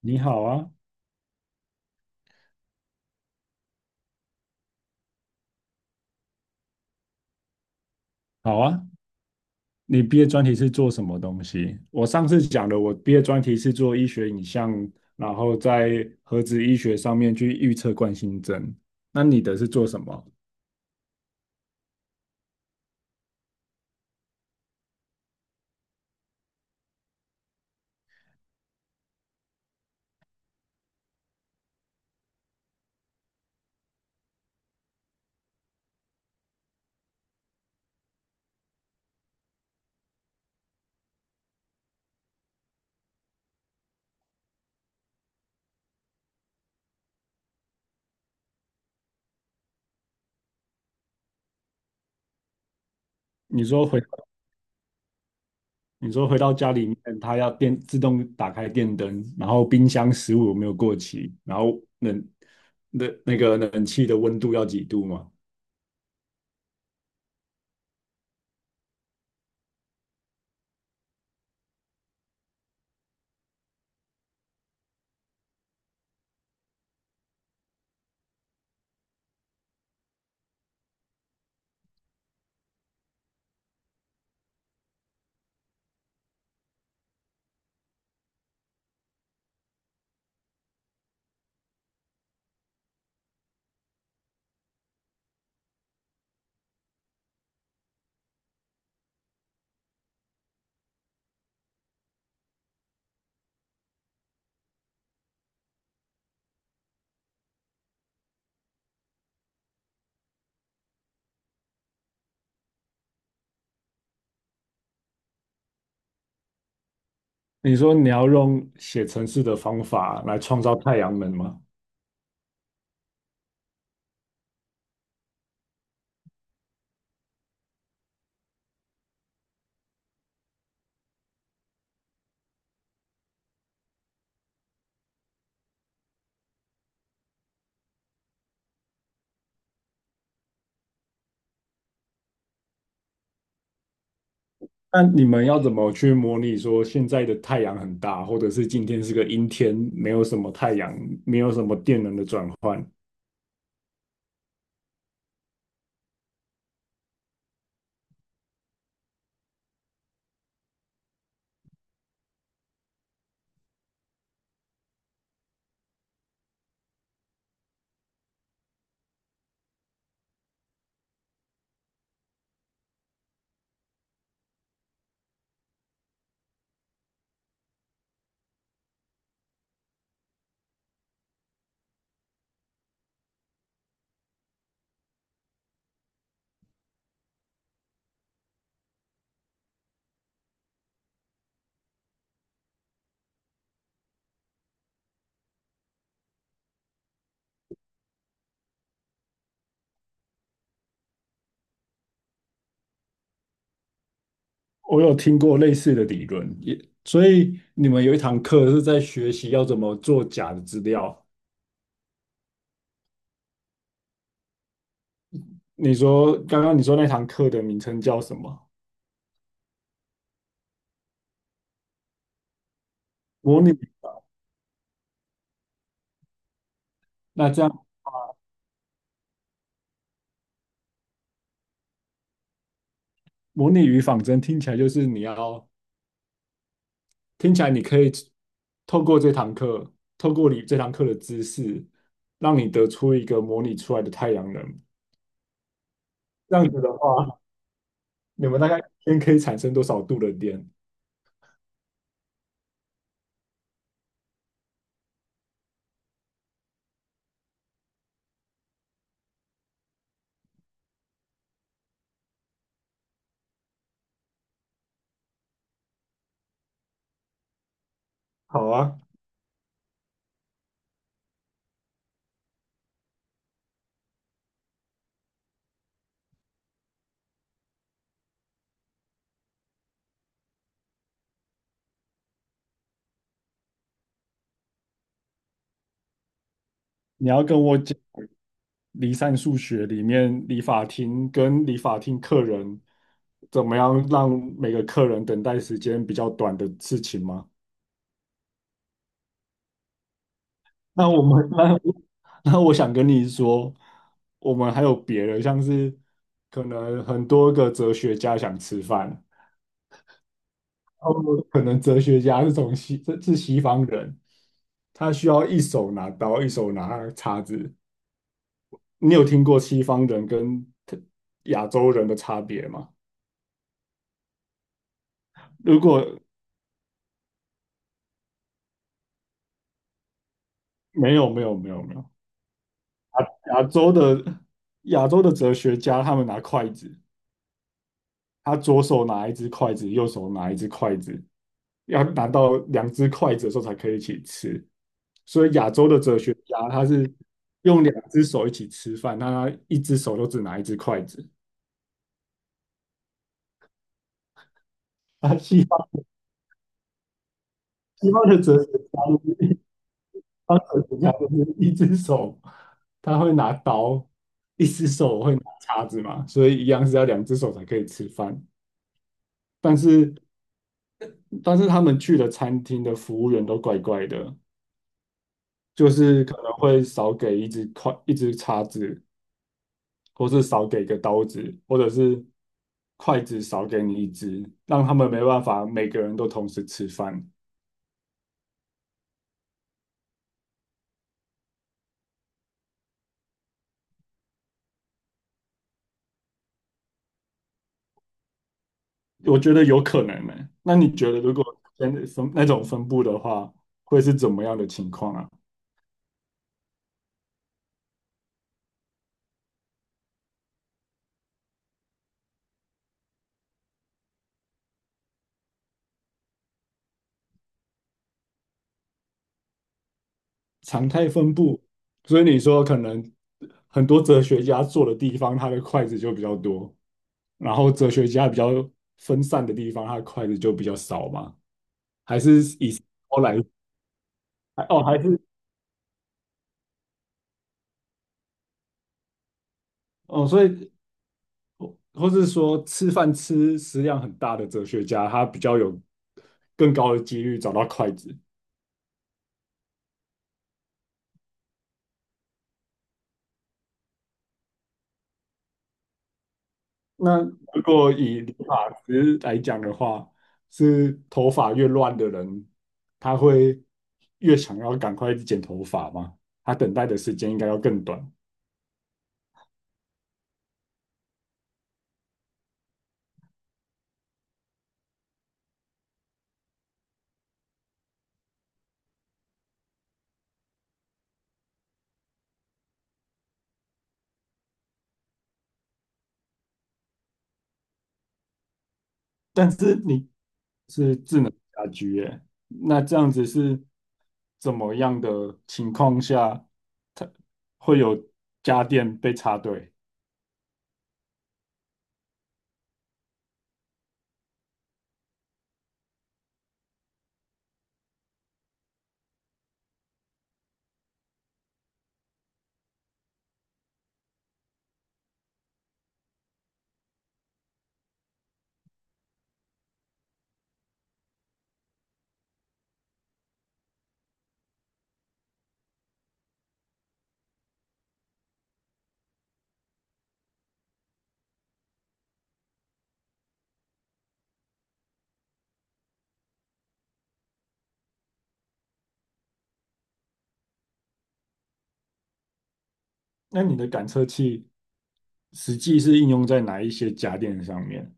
你好啊。好啊。你毕业专题是做什么东西？我上次讲的，我毕业专题是做医学影像，然后在核子医学上面去预测冠心症。那你的是做什么？你说回，你说回到家里面，它要电自动打开电灯，然后冰箱食物有没有过期，然后冷那个冷气的温度要几度吗？你说你要用写程式的方法来创造太阳能吗？那你们要怎么去模拟说现在的太阳很大，或者是今天是个阴天，没有什么太阳，没有什么电能的转换？我有听过类似的理论，也所以你们有一堂课是在学习要怎么做假的资料。你说刚刚你说那堂课的名称叫什么？模拟。那这样模拟与仿真听起来就是你要听起来你可以透过这堂课，透过你这堂课的知识，让你得出一个模拟出来的太阳能。这样子的话，你们大概一天可以产生多少度的电？好啊，你要跟我讲离散数学里面理发厅跟理发厅客人怎么样让每个客人等待时间比较短的事情吗？那我们 那我想跟你说，我们还有别的，像是可能很多个哲学家想吃饭。哦，们可能哲学家是从西，这是西方人，他需要一手拿刀，一手拿叉子。你有听过西方人跟亚洲人的差别吗？如果没有，没有，没有，没有。亚洲的亚洲的哲学家，他们拿筷子，他左手拿一只筷子，右手拿一只筷子，要拿到两只筷子的时候才可以一起吃。所以亚洲的哲学家，他是用两只手一起吃饭，那他一只手都只拿一只筷子。啊，西方的哲学家就是，西方哲学家就是一只手他会拿刀，一只手会拿叉子嘛，所以一样是要两只手才可以吃饭。但是但是他们去的餐厅的服务员都怪怪的，就是可能会少给一只筷一只叉子，或是少给一个刀子，或者是筷子少给你一只，让他们没办法每个人都同时吃饭。我觉得有可能呢、那你觉得如果真的分那种分布的话，会是怎么样的情况啊？常态分布，所以你说可能很多哲学家坐的地方，他的筷子就比较多，然后哲学家比较分散的地方，他的筷子就比较少嘛？还是以后来还哦，还是哦，所以或是说吃饭吃食量很大的哲学家，他比较有更高的几率找到筷子。那如果以理发师来讲的话，是头发越乱的人，他会越想要赶快剪头发吗？他等待的时间应该要更短。但是你是智能家居耶，那这样子是怎么样的情况下，它会有家电被插队？那你的感测器实际是应用在哪一些家电上面？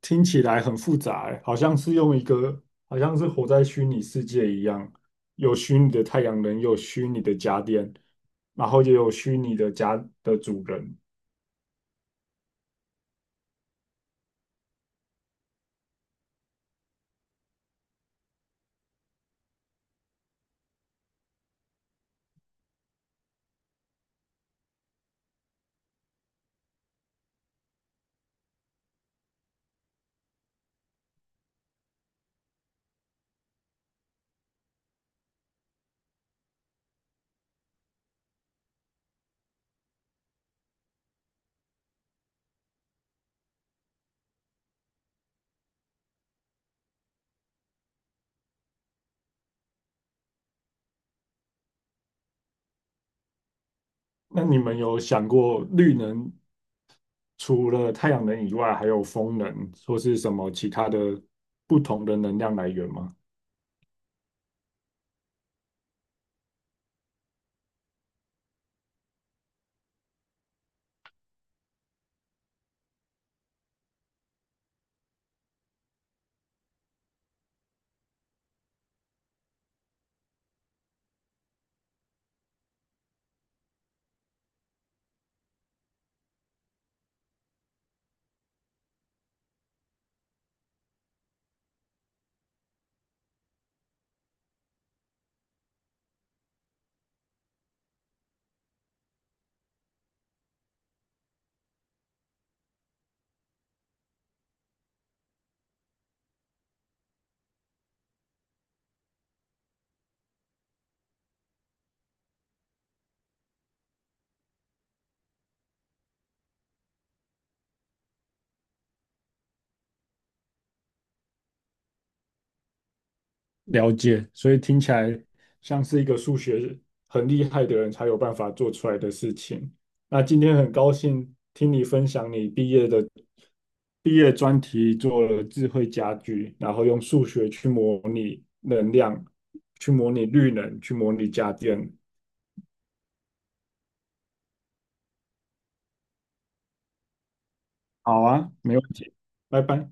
听起来很复杂欸，好像是用一个，好像是活在虚拟世界一样，有虚拟的太阳能，有虚拟的家电，然后也有虚拟的家的主人。那你们有想过绿能除了太阳能以外，还有风能或是什么其他的不同的能量来源吗？了解，所以听起来像是一个数学很厉害的人才有办法做出来的事情。那今天很高兴听你分享你毕业专题做了智慧家居，然后用数学去模拟能量，去模拟绿能，去模拟家电。好啊，没问题，拜拜。